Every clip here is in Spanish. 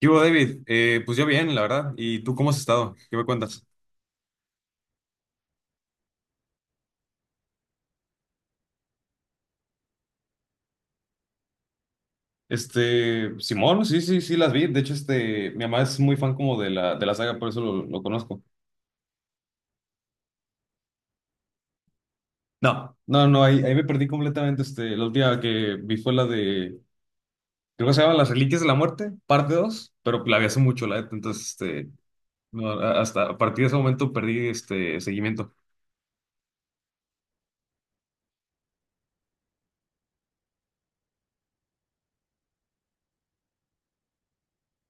¿Qué hubo, David? Pues yo bien, la verdad. ¿Y tú cómo has estado? ¿Qué me cuentas? Simón, sí, sí, sí las vi. De hecho, mi mamá es muy fan como de la saga, por eso lo conozco. No, no, no, ahí me perdí completamente. La última que vi fue creo que se llama Las Reliquias de la Muerte, parte 2. Pero la vi hace mucho, la neta. Entonces, no, hasta a partir de ese momento perdí este seguimiento.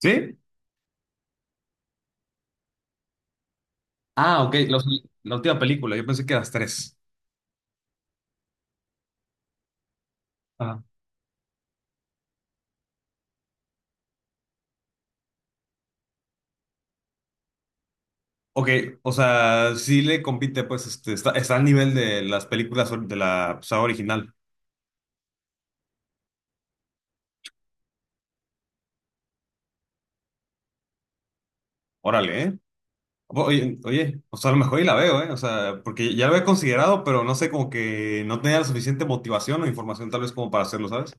¿Sí? Ah, ok, la última película, yo pensé que las tres. Ok, o sea, sí le compite, pues, está al nivel de las películas de la saga original. Órale, ¿eh? Oye, oye, o sea, a lo mejor y la veo, ¿eh? O sea, porque ya lo he considerado, pero no sé, como que no tenía la suficiente motivación o información tal vez como para hacerlo, ¿sabes?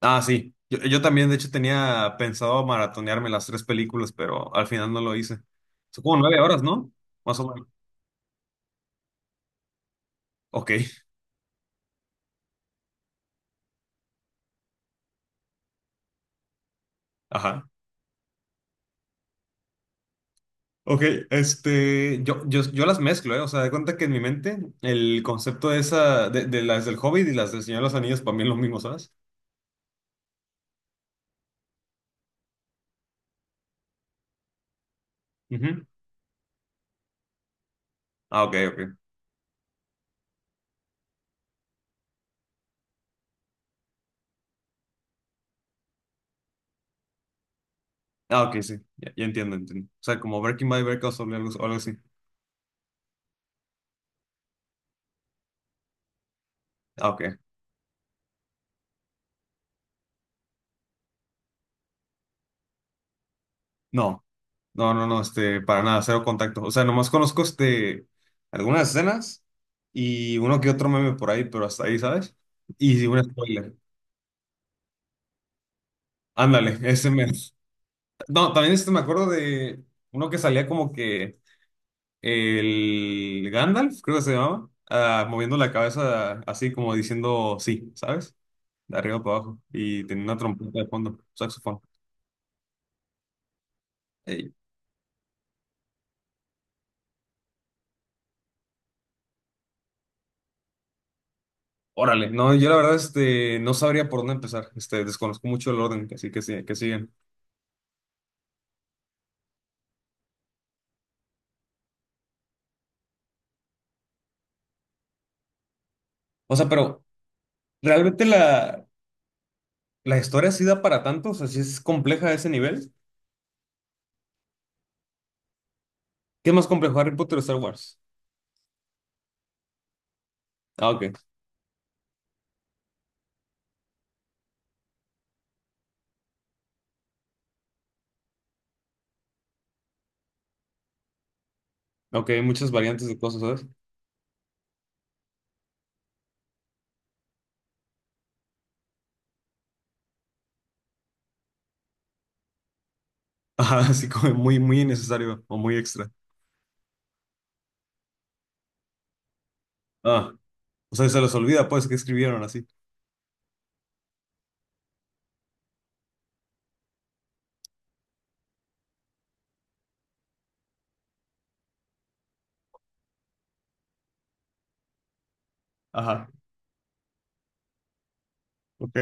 Ah, sí. Yo también, de hecho, tenía pensado maratonearme las tres películas, pero al final no lo hice. Son como 9 horas, ¿no? Más o menos. Ok, ajá. Ok, yo las mezclo, ¿eh? O sea, de cuenta que en mi mente el concepto de esa, de las del Hobbit y las del Señor de los Anillos para mí es lo mismo, ¿sabes? Ujú. Ah, ok, ok. Ah, ok, sí. Ya, ya entiendo, entiendo. O sea, como Breaking Bad o algo, así. Ah, ok. No, no, no, no, para nada, cero contacto. O sea, nomás conozco, algunas escenas y uno que otro meme por ahí, pero hasta ahí, ¿sabes? Y un spoiler. Ándale, ese mes. No, también me acuerdo de uno que salía como que el Gandalf, creo que se llamaba, ah, moviendo la cabeza así como diciendo sí, ¿sabes? De arriba para abajo y tenía una trompeta de fondo, saxofón. Ey, órale, no, yo la verdad no sabría por dónde empezar, desconozco mucho el orden, así que, que siguen. O sea, pero realmente la historia sí da para tanto, o sea, sí es compleja a ese nivel. ¿Qué es más complejo, Harry Potter o Star Wars? Ah, ok, ok, hay muchas variantes de cosas, ¿sabes? Ajá, así como muy, muy innecesario o muy extra. Ah, o sea, se los olvida, pues, que escribieron así. Ajá, ok.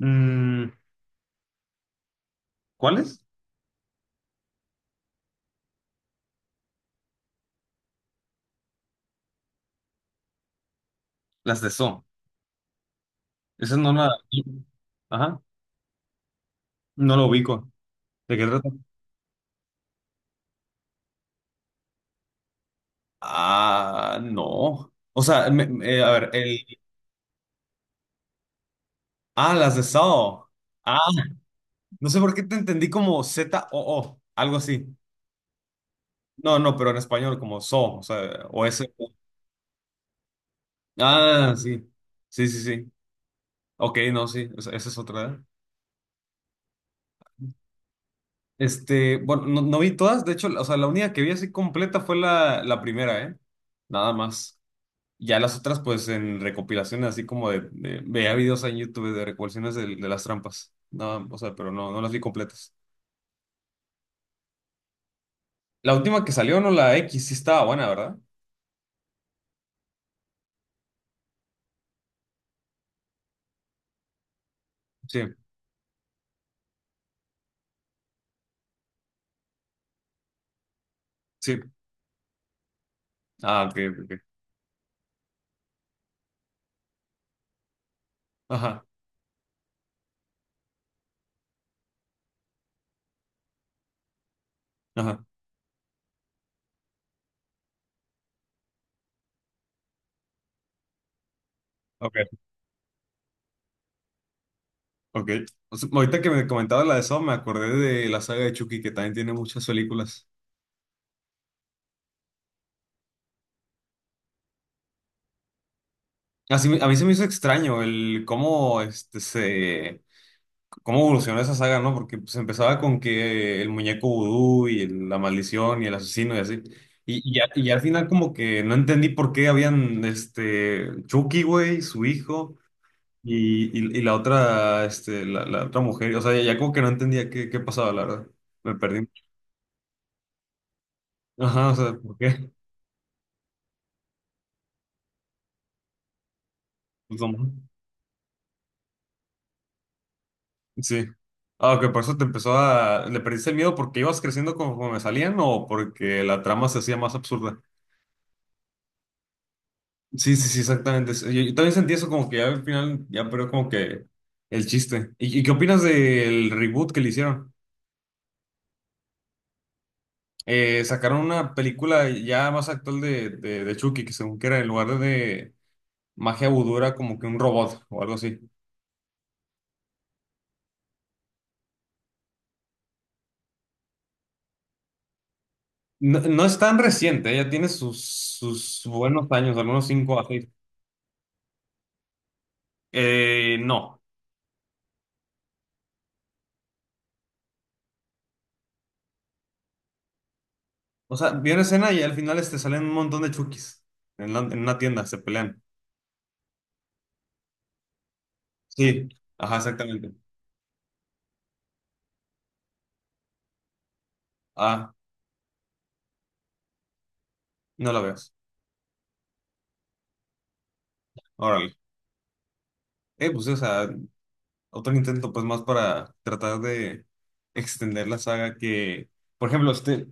Mm, ¿cuáles? Las de So. Esa no la... Ajá, no lo ubico. ¿De qué trata? Ah, no. O sea, a ver, el... Ah, las de Saw. Ah, no sé por qué te entendí como ZOO, algo así. No, no, pero en español como Saw, o sea, o S. Ah, sí. Sí, sí, sí. Ok, no, sí, esa es otra, ¿eh? Bueno, no, no vi todas, de hecho. O sea, la única que vi así completa fue la primera, ¿eh? Nada más. Ya las otras, pues, en recopilaciones, así como veía videos en YouTube de recopilaciones de las trampas. No, o sea, pero no, no las vi completas. La última que salió, no, la X, sí estaba buena, ¿verdad? Sí, sí. Ah, ok, ok. Ok. Ajá, ajá. Ok, ok. O sea, ahorita que me comentabas la de Saw, me acordé de la saga de Chucky, que también tiene muchas películas. Así, a mí se me hizo extraño el cómo este se cómo evolucionó esa saga, ¿no? Porque pues empezaba con que el muñeco vudú y la maldición y el asesino y así. Y al final como que no entendí por qué habían, Chucky, güey, su hijo y, y la otra, la otra mujer. O sea, ya, ya como que no entendía qué pasaba, la verdad. Me perdí. Ajá, o sea, ¿por qué? Pues, no. Sí. Ah, que por eso te empezó a... ¿Le perdiste el miedo porque ibas creciendo conforme salían o porque la trama se hacía más absurda? Sí, sí, sí, exactamente. Yo también sentí eso como que ya al final, ya, pero como que el chiste. ¿Y qué opinas del reboot que le hicieron? Sacaron una película ya más actual de Chucky, que según que era en lugar de magia vudú era como que un robot o algo así. No, no es tan reciente, ya tiene sus buenos años, algunos 5 a 6. No. O sea, vi una escena y al final, salen un montón de Chuckys en una tienda, se pelean. Sí, ajá, exactamente. Ah, no la veas. Órale. Pues, sí, o sea, otro intento, pues, más para tratar de extender la saga que, por ejemplo,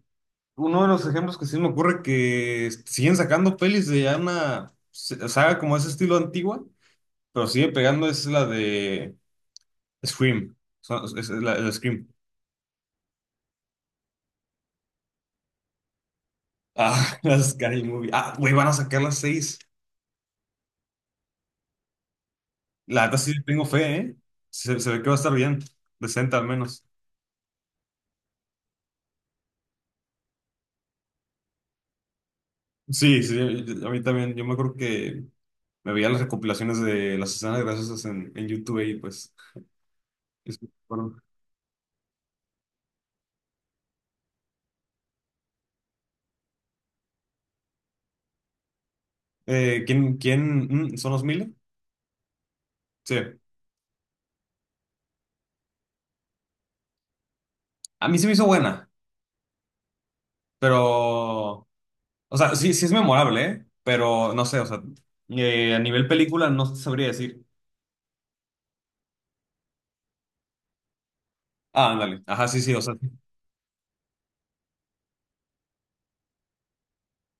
uno de los ejemplos que sí me ocurre que siguen sacando pelis de ya una saga como ese estilo antigua, pero sigue pegando es la de Scream. Es la Scream. Ah, la Scary Movie. Ah, güey, van a sacar las seis. La neta sí le tengo fe, ¿eh? Se ve que va a estar bien, decente al menos. Sí, sí, a mí también. Yo me acuerdo que me veía las recopilaciones de las escenas graciosas en YouTube y pues. es- bueno. ¿Quién? ¿Son los mil? Sí. A mí se me hizo buena, pero. O sea, sí, sí es memorable, ¿eh? Pero no sé, o sea, a nivel película no sabría decir. Ah, ándale. Ajá, sí, sí, o sea.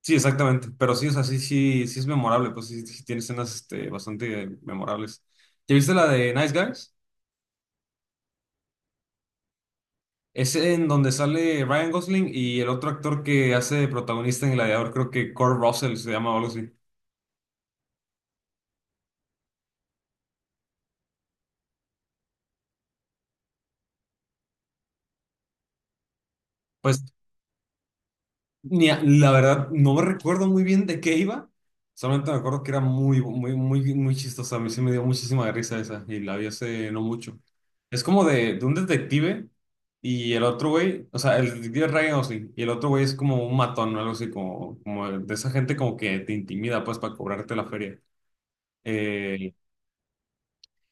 Sí, exactamente. Pero sí, o sea, sí, sí, sí es memorable. Pues sí, sí tiene escenas, bastante memorables. ¿Ya viste la de Nice Guys? Es en donde sale Ryan Gosling y el otro actor que hace de protagonista en Gladiador, creo que Kurt Russell se llama o algo así. Pues ni a- la verdad no me recuerdo muy bien de qué iba, solamente me acuerdo que era muy, muy, muy, muy chistosa. A mí sí me dio muchísima risa esa y la vi hace no mucho. Es como de un detective y el otro güey, o sea, el detective es Ryan Gosling y el otro güey es como un matón o algo así, como, como de esa gente como que te intimida pues para cobrarte la feria. Eh,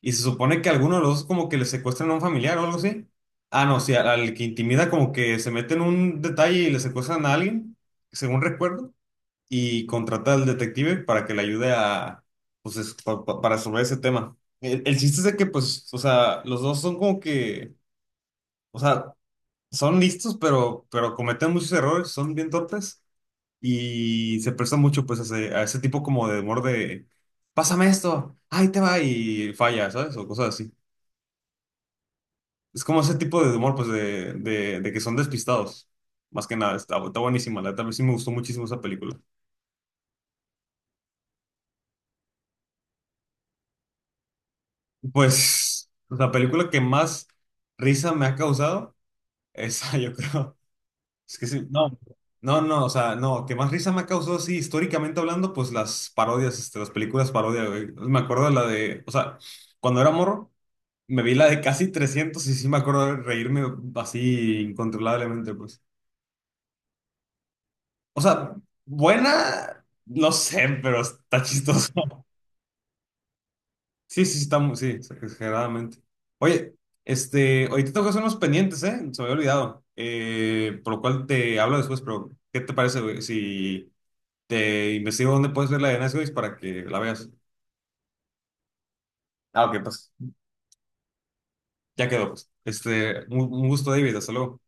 Y se supone que alguno de los dos como que le secuestran a un familiar o algo así. Ah, no, sí, al que intimida como que se mete en un detalle y le secuestran a alguien, según recuerdo, y contrata al detective para que le ayude a, pues, para resolver ese tema. El chiste es de que, pues, o sea, los dos son como que, o sea, son listos, pero, cometen muchos errores, son bien torpes y se prestan mucho, pues, a ese tipo como de humor de, pásame esto, ahí te va y falla, ¿sabes? O cosas así. Es como ese tipo de humor, pues, de que son despistados. Más que nada, está buenísima. La verdad, sí me gustó muchísimo esa película. Pues, la película que más risa me ha causado, esa yo creo. Es que sí, no. No, no, o sea, no, que más risa me ha causado, sí, históricamente hablando, pues las parodias, las películas parodia, güey. Me acuerdo de la de, o sea, cuando era morro, me vi la de Casi 300 y sí me acuerdo de reírme así incontrolablemente, pues. O sea, buena, no sé, pero está chistoso. Sí, sí, sí, está muy, sí, exageradamente. Oye, ahorita tengo que hacer unos pendientes, ¿eh? Se me había olvidado. Por lo cual te hablo después, pero ¿qué te parece, güey? Si te investigo dónde puedes ver la de Nice Guys para que la veas. Ah, ok, pues. Ya quedó, pues. Un gusto, David. Hasta luego.